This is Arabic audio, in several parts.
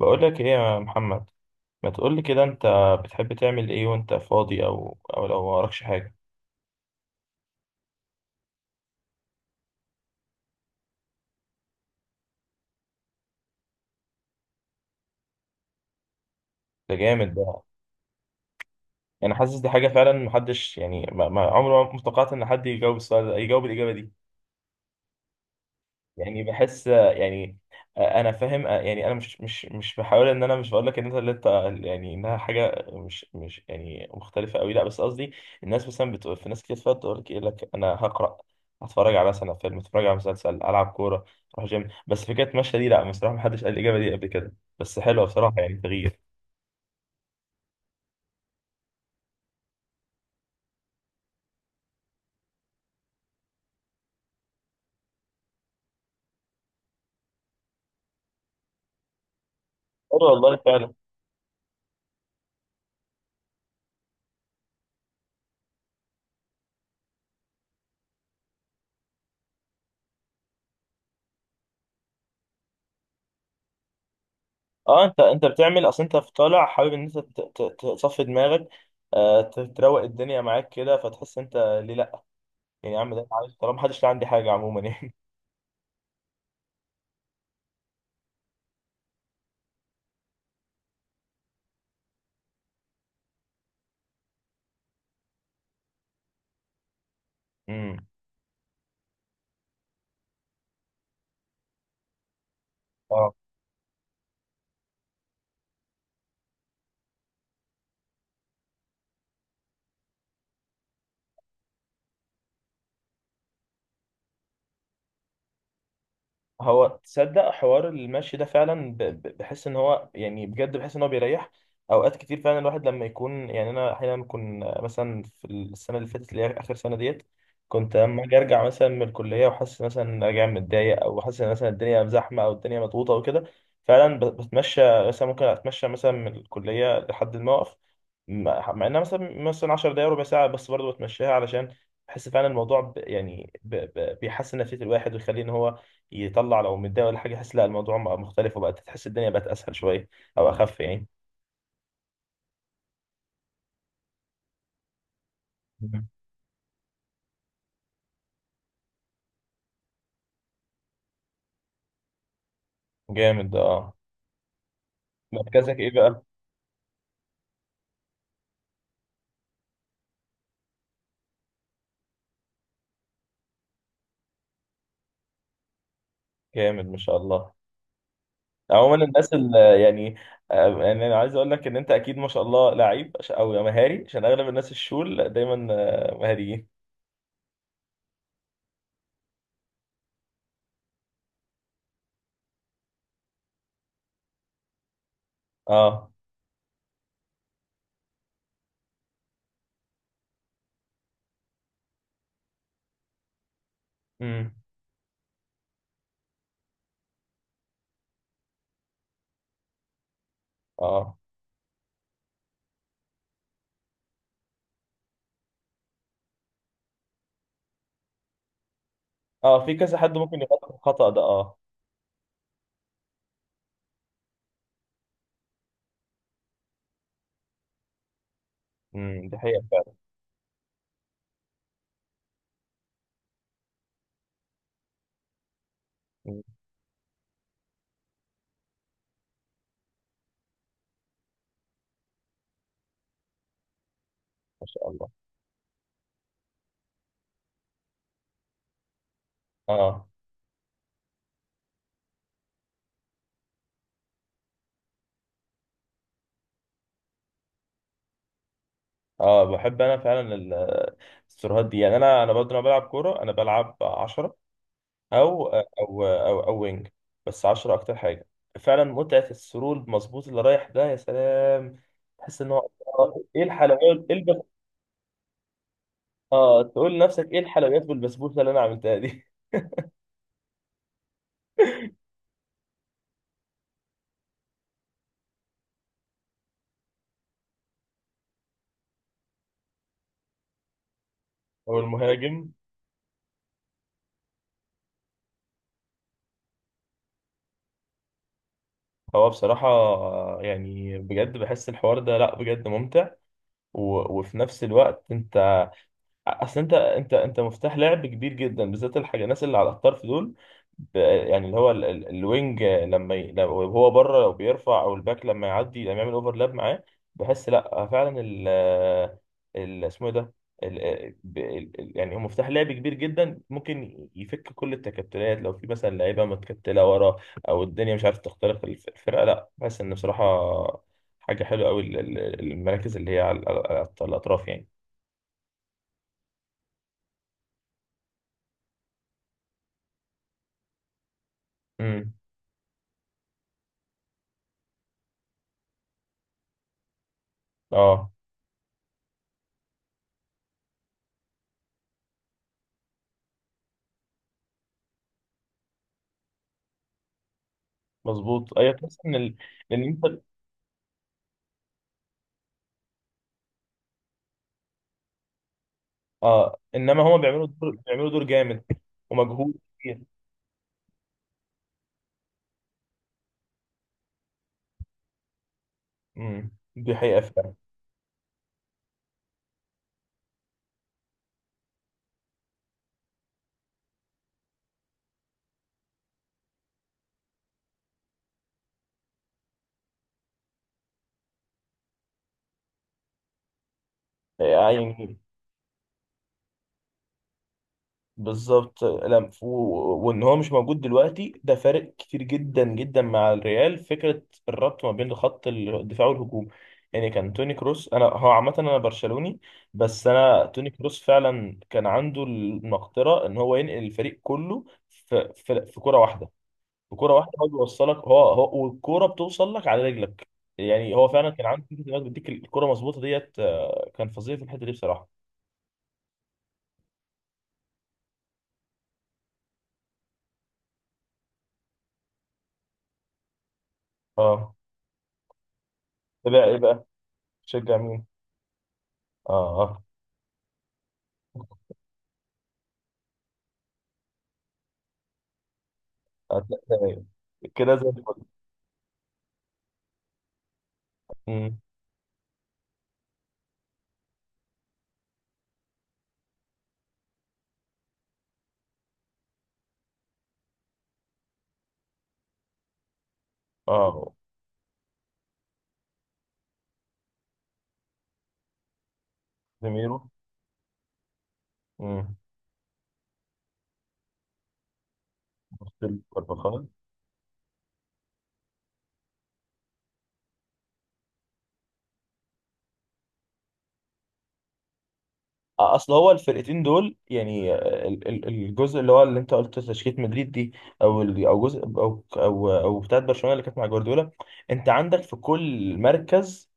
بقول لك ايه يا محمد. ما تقول لي كده انت، بتحب تعمل ايه وانت فاضي او لو وراكش حاجه؟ ده جامد ده. انا حاسس دي حاجه فعلا محدش، يعني، عمره ما توقعت ان حد يجاوب السؤال ده يجاوب الاجابه دي. يعني بحس يعني آه، انا فاهم آه، يعني انا مش بحاول، ان انا مش بقول لك ان انت اللي انت، يعني انها حاجه مش يعني مختلفه قوي، لا بس قصدي. الناس مثلا بتقول، في ناس كتير فات تقول لك ايه لك انا هقرا، هتفرج على مثلا فيلم، اتفرج على مسلسل، العب كوره، اروح جيم، بس فكره مشى دي لا بصراحه ما حدش قال الاجابه دي قبل كده، بس حلوه بصراحه يعني تغيير. حلو والله فعلا. اه انت بتعمل، اصل انت في طالع حابب ان انت تصفي دماغك آه، تروق الدنيا معاك كده فتحس انت، ليه لا؟ يعني يا عم ده عارف، طالما محدش لاقي عندي حاجه عموما يعني. امم اه. هو تصدق حوار المشي ده فعلا بحس ان هو يعني بجد بحس ان هو بيريح. اوقات كتير فعلا الواحد لما يكون، يعني انا احيانا كنت مثلا في السنه اللي فاتت اللي هي اخر سنه ديت، كنت لما اجي ارجع مثلا من الكليه وحاسس مثلا ان أنا راجع متضايق، او حاسس ان مثلا الدنيا زحمه او الدنيا مضغوطه وكده، فعلا بتمشى، مثلا ممكن اتمشى مثلا من الكليه لحد الموقف، مع انها مثلا مثلا 10 دقايق ربع ساعه، بس برضه بتمشيها علشان بحس فعلا الموضوع بيحسن نفسيه الواحد ويخليه ان هو يطلع لو متضايق ولا حاجه، يحس لا الموضوع بقى مختلف وبقت تحس الدنيا بقت اسهل شويه، او اخف يعني. مم. جامد اه. مركزك ايه بقى؟ جامد ما شاء الله. عموما الناس اللي يعني آه، يعني انا عايز اقول لك ان انت اكيد ما شاء الله لعيب او مهاري، عشان اغلب الناس الشول دايما آه، مهاريين. اه. امم. اه. اه في كذا حد ممكن يغلط الخطأ ده اه. دي حقيقة فعلا. مم. ما شاء الله. اه. اه بحب انا فعلا السيرفرات دي، يعني انا برضه لما بلعب كوره انا بلعب 10، او وينج، بس 10 اكتر حاجه. فعلا متعه السرول مظبوط اللي رايح ده يا سلام، تحس ان هو آه، ايه الحلويات ايه الب... اه تقول لنفسك ايه الحلويات والبسبوسه اللي انا عملتها دي. هو المهاجم. هو بصراحة آه، يعني بجد بحس الحوار ده لا بجد ممتع. و... وفي نفس الوقت انت، اصل انت مفتاح لعب كبير جدا، بالذات الحاجه الناس اللي على الطرف دول، يعني اللي هو الوينج لما ي... لو هو بره لو بيرفع، او الباك لما يعدي لما يعمل اوفرلاب معاه، بحس لا فعلا ال، ال اسمه إيه ده، ال... يعني هو مفتاح لعب كبير جدا، ممكن يفك كل التكتلات لو في مثلا لعيبه متكتله ورا، او الدنيا مش عارف تخترق الفرقه، لا بحس ان بصراحه حاجه حلوه قوي، المراكز اللي هي على الاطراف يعني. امم. اه. مظبوط ايوه تحس ان ال... ان انت، اه انما هما بيعملوا دور... بيعملوا دور جامد ومجهود كبير. دي حقيقه فعلا. يعني بالظبط لم و... وان هو مش موجود دلوقتي ده فارق كتير جدا جدا مع الريال، فكره الربط ما بين خط الدفاع والهجوم، يعني كان توني كروس، انا هو عامه انا برشلوني، بس انا توني كروس فعلا كان عنده المقدره ان هو ينقل الفريق كله في كره واحده، بكرة واحدة هو بيوصلك، هو والكورة بتوصل لك على رجلك. يعني هو فعلا كان عنده فكرة إنه بيديك الكورة مظبوطة ديت آه، كان فظيع في الحتة دي بصراحة. اه. ايه بقى ايه بقى، تشجع مين؟ اه اه. هتلاقي- كده زي الفل. مم. اه. زميرو. مم. مختلف كارفاخال. اصل هو الفرقتين دول يعني آه، الجزء اللي هو اللي انت قلت تشكيله مدريد دي، او ال- او جزء او او او بتاعت برشلونه اللي كانت مع جوارديولا، انت عندك في كل مركز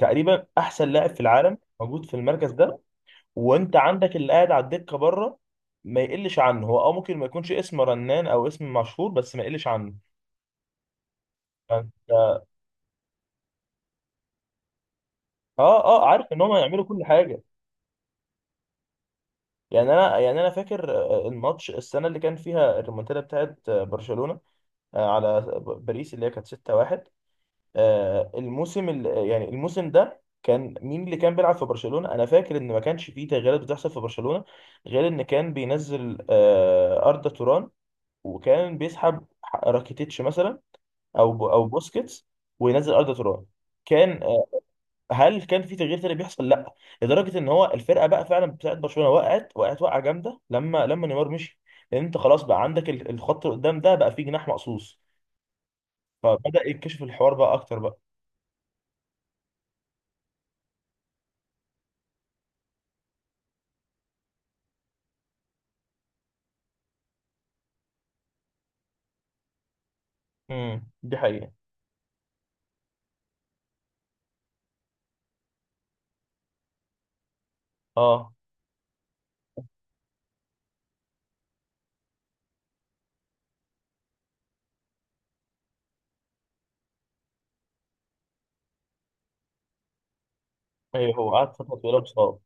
تقريبا احسن لاعب في العالم موجود في المركز ده، وانت عندك اللي قاعد على الدكه بره ما يقلش عنه، هو اه ممكن ما يكونش اسم رنان او اسم مشهور، بس ما يقلش عنه، فانت اه اه عارف ان هم يعملوا كل حاجه. يعني انا يعني انا فاكر آه، الماتش السنه اللي كان فيها الريمونتادا بتاعت آه، برشلونه آه، على باريس اللي هي كانت 6-1، آه، الموسم ال- يعني الموسم ده كان مين اللي كان بيلعب في برشلونة، انا فاكر ان ما كانش فيه تغييرات بتحصل في برشلونة غير ان كان بينزل آه، أردا توران، وكان بيسحب راكيتيتش مثلا، او بوسكيتس، وينزل أردا توران، كان آه، هل كان في تغيير تاني بيحصل؟ لا. لدرجة ان هو الفرقة بقى فعلا بتاعت برشلونة وقعت وقعة جامدة لما نيمار مشي، لان انت خلاص بقى عندك الخط اللي قدام ده بقى فيه جناح مقصوص، فبدأ يكتشف الحوار بقى أكتر بقى. دي حقيقة. اه. أيوه هو قعد فترة طويلة مصاب.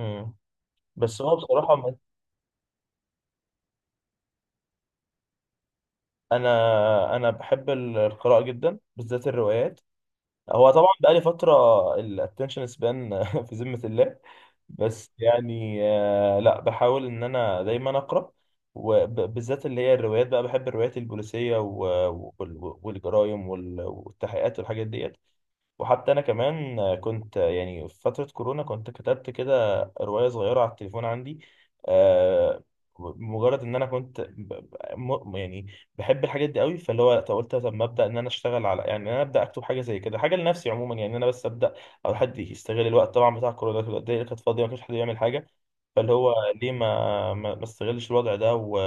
امم. بس هو بصراحة أنا بحب القراءة جدا بالذات الروايات، هو طبعا بقالي فترة، الاتنشن سبان في ذمة الله، بس يعني آه، لا بحاول ان انا دايما اقرا، وبالذات اللي هي الروايات بقى، بحب الروايات البوليسيه والجرايم والتحقيقات والحاجات ديت، وحتى انا كمان كنت يعني في فتره كورونا كنت كتبت كده روايه صغيره على التليفون عندي آه، مجرد ان انا كنت م- يعني بحب الحاجات دي قوي، فاللي هو طب قلت طب ما ابدا، ان انا اشتغل على، يعني إن انا ابدا اكتب حاجه زي كده، حاجه لنفسي عموما، يعني إن انا بس ابدا، او حد يستغل الوقت طبعا بتاع كورونا كده الدنيا كانت فاضيه ما كانش حد يعمل حاجه، فاللي هو ليه ما استغلش الوضع ده و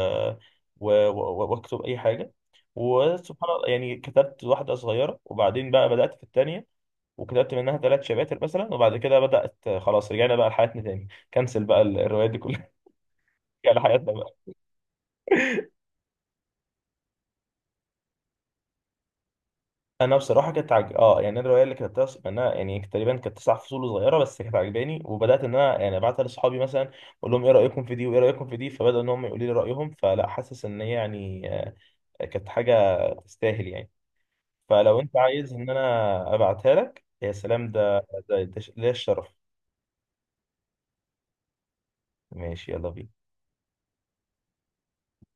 و- و- واكتب اي حاجه. وسبحان الله يعني كتبت واحده صغيره، وبعدين بقى بدات في الثانيه، وكتبت منها ثلاث شباتر مثلا، وبعد كده بدأت، خلاص رجعنا بقى لحياتنا تاني، كنسل بقى الروايات دي كلها. رجعنا لحياتنا بقى. انا بصراحه كنت عج... اه يعني الروايه اللي كتبتها منها يعني تقريبا كانت تسع فصول صغيره، بس كانت عجباني، وبدات ان انا يعني ابعتها لاصحابي مثلا، اقول لهم ايه رايكم في دي وايه رايكم في دي، فبداوا ان هم يقولوا لي رايهم، فلا حاسس ان هي يعني آه، كانت حاجه تستاهل يعني، فلو انت عايز ان انا ابعتها لك يا سلام، ده ده الشرف. ماشي يلا بينا.